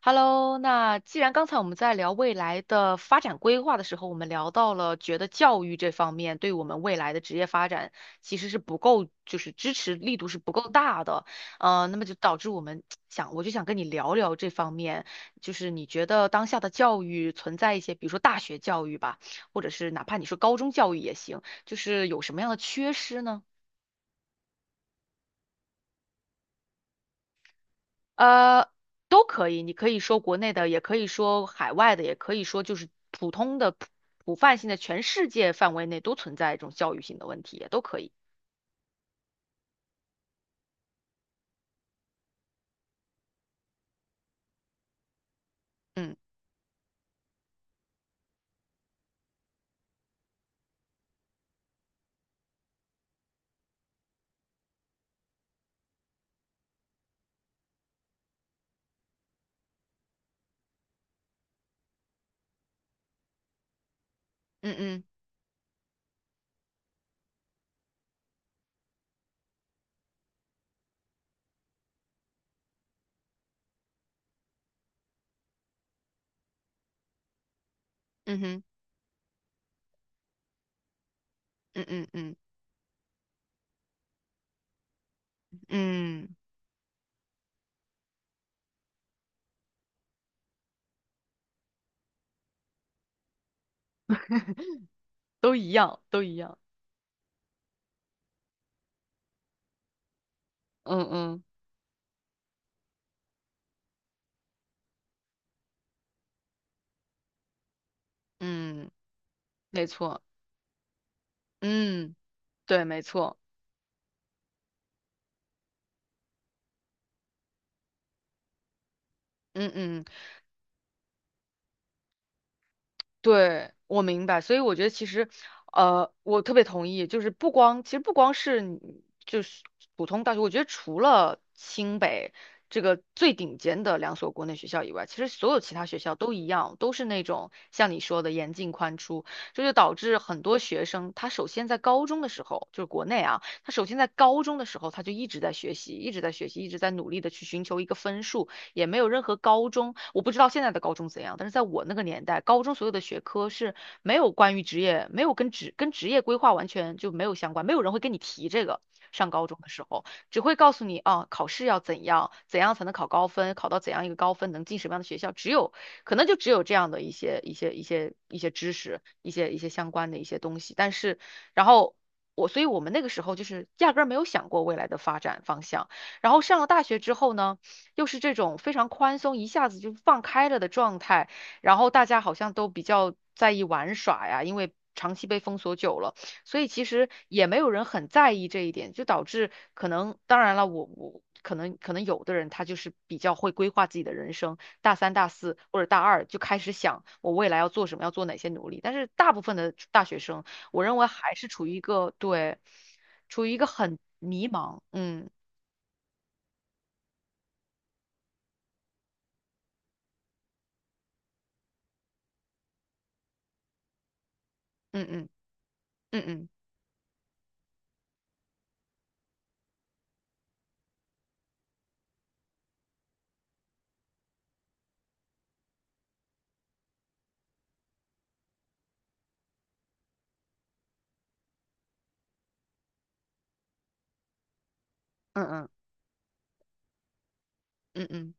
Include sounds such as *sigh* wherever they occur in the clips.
Hello，那既然刚才我们在聊未来的发展规划的时候，我们聊到了觉得教育这方面对我们未来的职业发展其实是不够，就是支持力度是不够大的，那么就导致我就想跟你聊聊这方面，就是你觉得当下的教育存在一些，比如说大学教育吧，或者是哪怕你说高中教育也行，就是有什么样的缺失呢？呃，都可以，你可以说国内的，也可以说海外的，也可以说就是普通的普泛性的，全世界范围内都存在这种教育性的问题，也都可以。嗯嗯嗯。嗯哼。嗯嗯嗯嗯，都一样，都一样。嗯嗯嗯，没错。嗯，对，没错。嗯嗯。对，我明白，所以我觉得其实，我特别同意，就是不光，其实不光是你就是普通大学，我觉得除了清北这个最顶尖的两所国内学校以外，其实所有其他学校都一样，都是那种像你说的严进宽出，这就导致很多学生他首先在高中的时候，就是国内啊，他首先在高中的时候他就一直在学习，一直在学习，一直在努力的去寻求一个分数。也没有任何高中，我不知道现在的高中怎样，但是在我那个年代，高中所有的学科是没有关于职业，没有跟职业规划完全就没有相关，没有人会跟你提这个。上高中的时候，只会告诉你啊，考试要怎样，怎样才能考高分，考到怎样一个高分，能进什么样的学校，只有可能就只有这样的一些知识，一些相关的一些东西。但是，然后所以我们那个时候就是压根儿没有想过未来的发展方向。然后上了大学之后呢？又是这种非常宽松，一下子就放开了的状态，然后大家好像都比较在意玩耍呀，因为长期被封锁久了，所以其实也没有人很在意这一点，就导致可能，当然了，我可能有的人他就是比较会规划自己的人生，大三、大四或者大二就开始想我未来要做什么，要做哪些努力，但是大部分的大学生，我认为还是处于一个对，处于一个很迷茫。嗯嗯嗯嗯嗯嗯嗯嗯嗯。嗯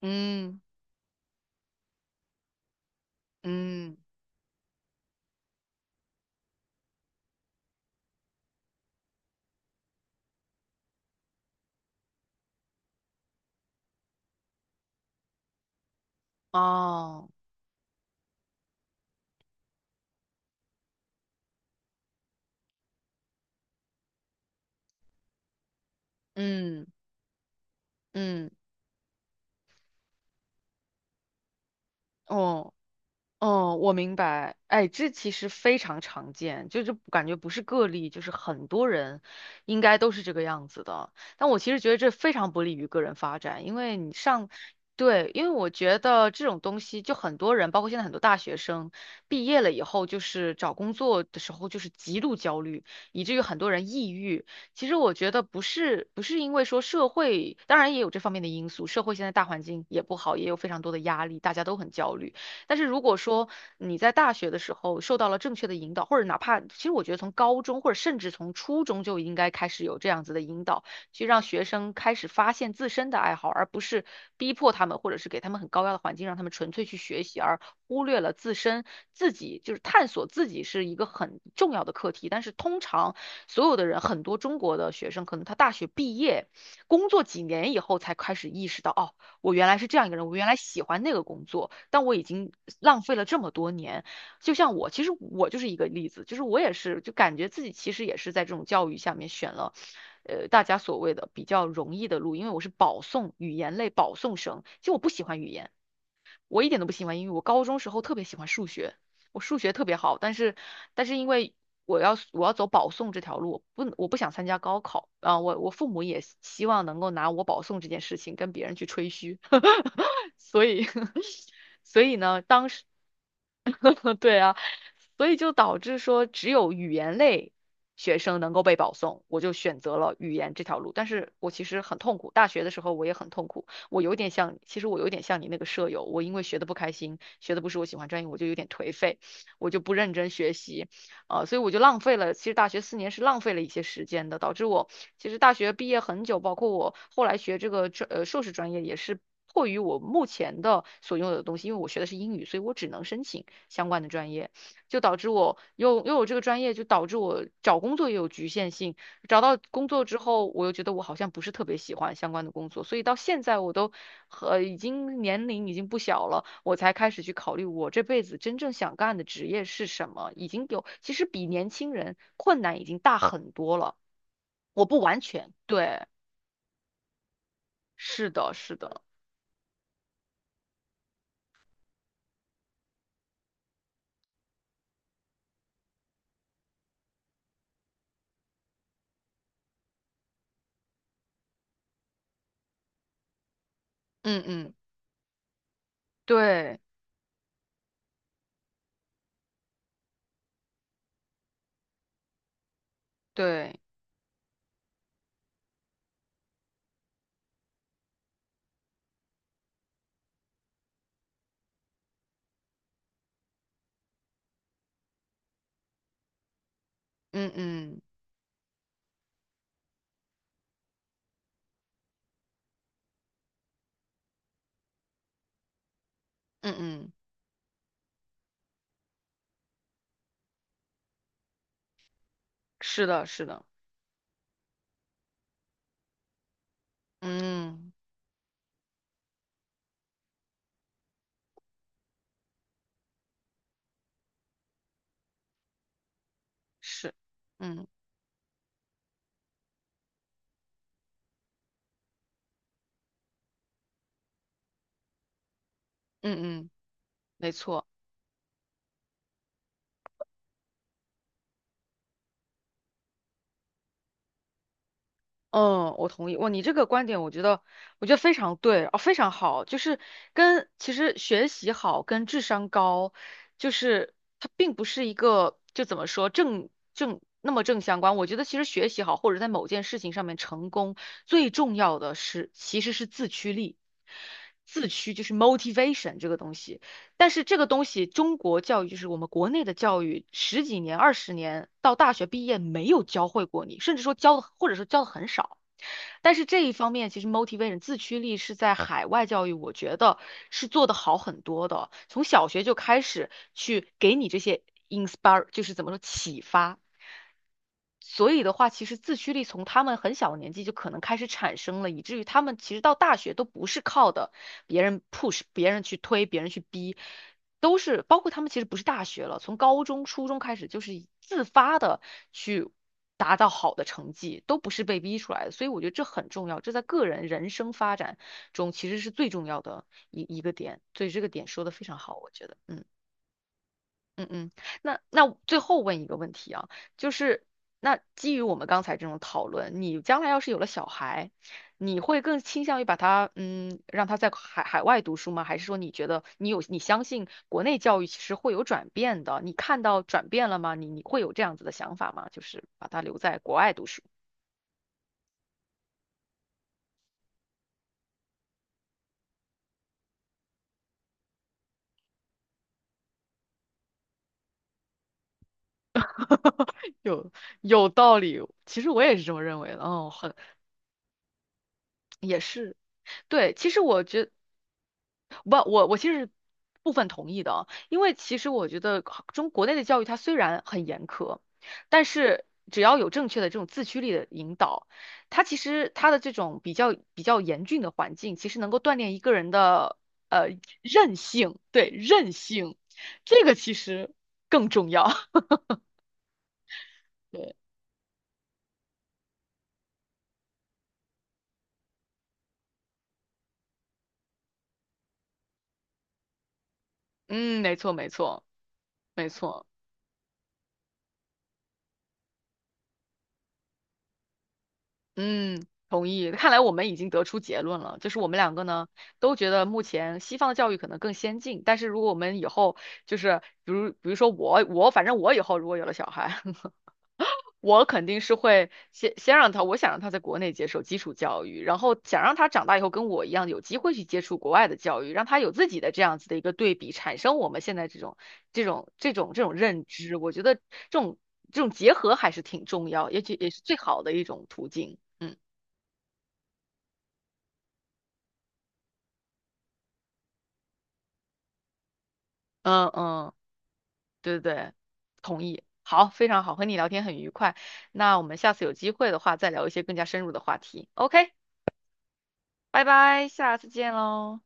嗯嗯。哦。嗯嗯。哦。哦，我明白。哎，这其实非常常见，就是感觉不是个例，就是很多人应该都是这个样子的。但我其实觉得这非常不利于个人发展，因为你上，对，因为我觉得这种东西，就很多人，包括现在很多大学生毕业了以后，就是找工作的时候就是极度焦虑，以至于很多人抑郁。其实我觉得不是因为说社会，当然也有这方面的因素，社会现在大环境也不好，也有非常多的压力，大家都很焦虑。但是如果说你在大学的时候受到了正确的引导，或者哪怕其实我觉得从高中或者甚至从初中就应该开始有这样子的引导，去让学生开始发现自身的爱好，而不是逼迫他们，或者是给他们很高压的环境，让他们纯粹去学习，而忽略了自身自己就是探索自己是一个很重要的课题。但是通常所有的人，很多中国的学生，可能他大学毕业工作几年以后才开始意识到，哦，我原来是这样一个人，我原来喜欢那个工作，但我已经浪费了这么多年。就像我，其实我就是一个例子，就是我也是，就感觉自己其实也是在这种教育下面选了，大家所谓的比较容易的路，因为我是保送语言类保送生，其实我不喜欢语言。我一点都不喜欢英语，我高中时候特别喜欢数学，我数学特别好，但是但是因为我要走保送这条路，不我不想参加高考啊，我我父母也希望能够拿我保送这件事情跟别人去吹嘘，*laughs* 所以 *laughs* 所以呢，当时 *laughs* 对啊，所以就导致说只有语言类学生能够被保送，我就选择了语言这条路。但是我其实很痛苦，大学的时候我也很痛苦，我有点像，其实我有点像你那个舍友，我因为学的不开心，学的不是我喜欢专业，我就有点颓废，我就不认真学习，所以我就浪费了，其实大学4年是浪费了一些时间的，导致我其实大学毕业很久，包括我后来学这个硕士专业也是。迫于我目前的所拥有的东西，因为我学的是英语，所以我只能申请。相关的专业，就导致我又有这个专业，就导致我找工作也有局限性。找到工作之后，我又觉得我好像不是特别喜欢相关的工作，所以到现在我都和已经年龄已经不小了，我才开始去考虑我这辈子真正想干的职业是什么。已经有，其实比年轻人困难已经大很多了。我不完全，对，是的，是的。嗯嗯。对对。嗯嗯嗯嗯。是的，是的。嗯。是。嗯嗯嗯，没错。嗯，我同意。哇，你这个观点，我觉得，我觉得非常对，哦，非常好，就是跟其实学习好跟智商高，就是它并不是一个就怎么说正那么正相关。我觉得其实学习好或者在某件事情上面成功，最重要的是其实是自驱力，自驱就是 motivation 这个东西。但是这个东西，中国教育就是我们国内的教育，十几年、20年到大学毕业没有教会过你，甚至说教的，或者说教的很少。但是这一方面，其实 motivation 自驱力是在海外教育，我觉得是做得好很多的。从小学就开始去给你这些 inspire，就是怎么说启发，所以的话，其实自驱力从他们很小的年纪就可能开始产生了，以至于他们其实到大学都不是靠的别人 push、别人去推、别人去逼，都是包括他们其实不是大学了，从高中、初中开始就是自发的去达到好的成绩，都不是被逼出来的。所以我觉得这很重要，这在个人人生发展中其实是最重要的一个点。所以这个点说的非常好，我觉得，嗯。嗯嗯，那最后问一个问题啊，就是那基于我们刚才这种讨论，你将来要是有了小孩，你会更倾向于把他嗯让他在海外读书吗？还是说你觉得你有你相信国内教育其实会有转变的？你看到转变了吗？你会有这样子的想法吗？就是把他留在国外读书，*laughs* 有有道理，其实我也是这么认为的。哦，很也是。对，其实我觉不，我其实是部分同意的啊，因为其实我觉得中国内的教育它虽然很严苛，但是只要有正确的这种自驱力的引导，它其实它的这种比较严峻的环境，其实能够锻炼一个人的呃韧性，对，韧性，这个其实更重要。*laughs* 对，嗯，没错，没错，没错。嗯，同意。看来我们已经得出结论了，就是我们两个呢都觉得目前西方的教育可能更先进，但是如果我们以后就是比如说我我反正我以后如果有了小孩，*laughs* 我肯定是会先让他，我想让他在国内接受基础教育，然后想让他长大以后跟我一样有机会去接触国外的教育，让他有自己的这样子的一个对比，产生我们现在这种这种认知。我觉得种这种结合还是挺重要，也是最好的一种途径。嗯。嗯嗯，对对对，同意。好，非常好，和你聊天很愉快。那我们下次有机会的话，再聊一些更加深入的话题。OK，拜拜，下次见喽。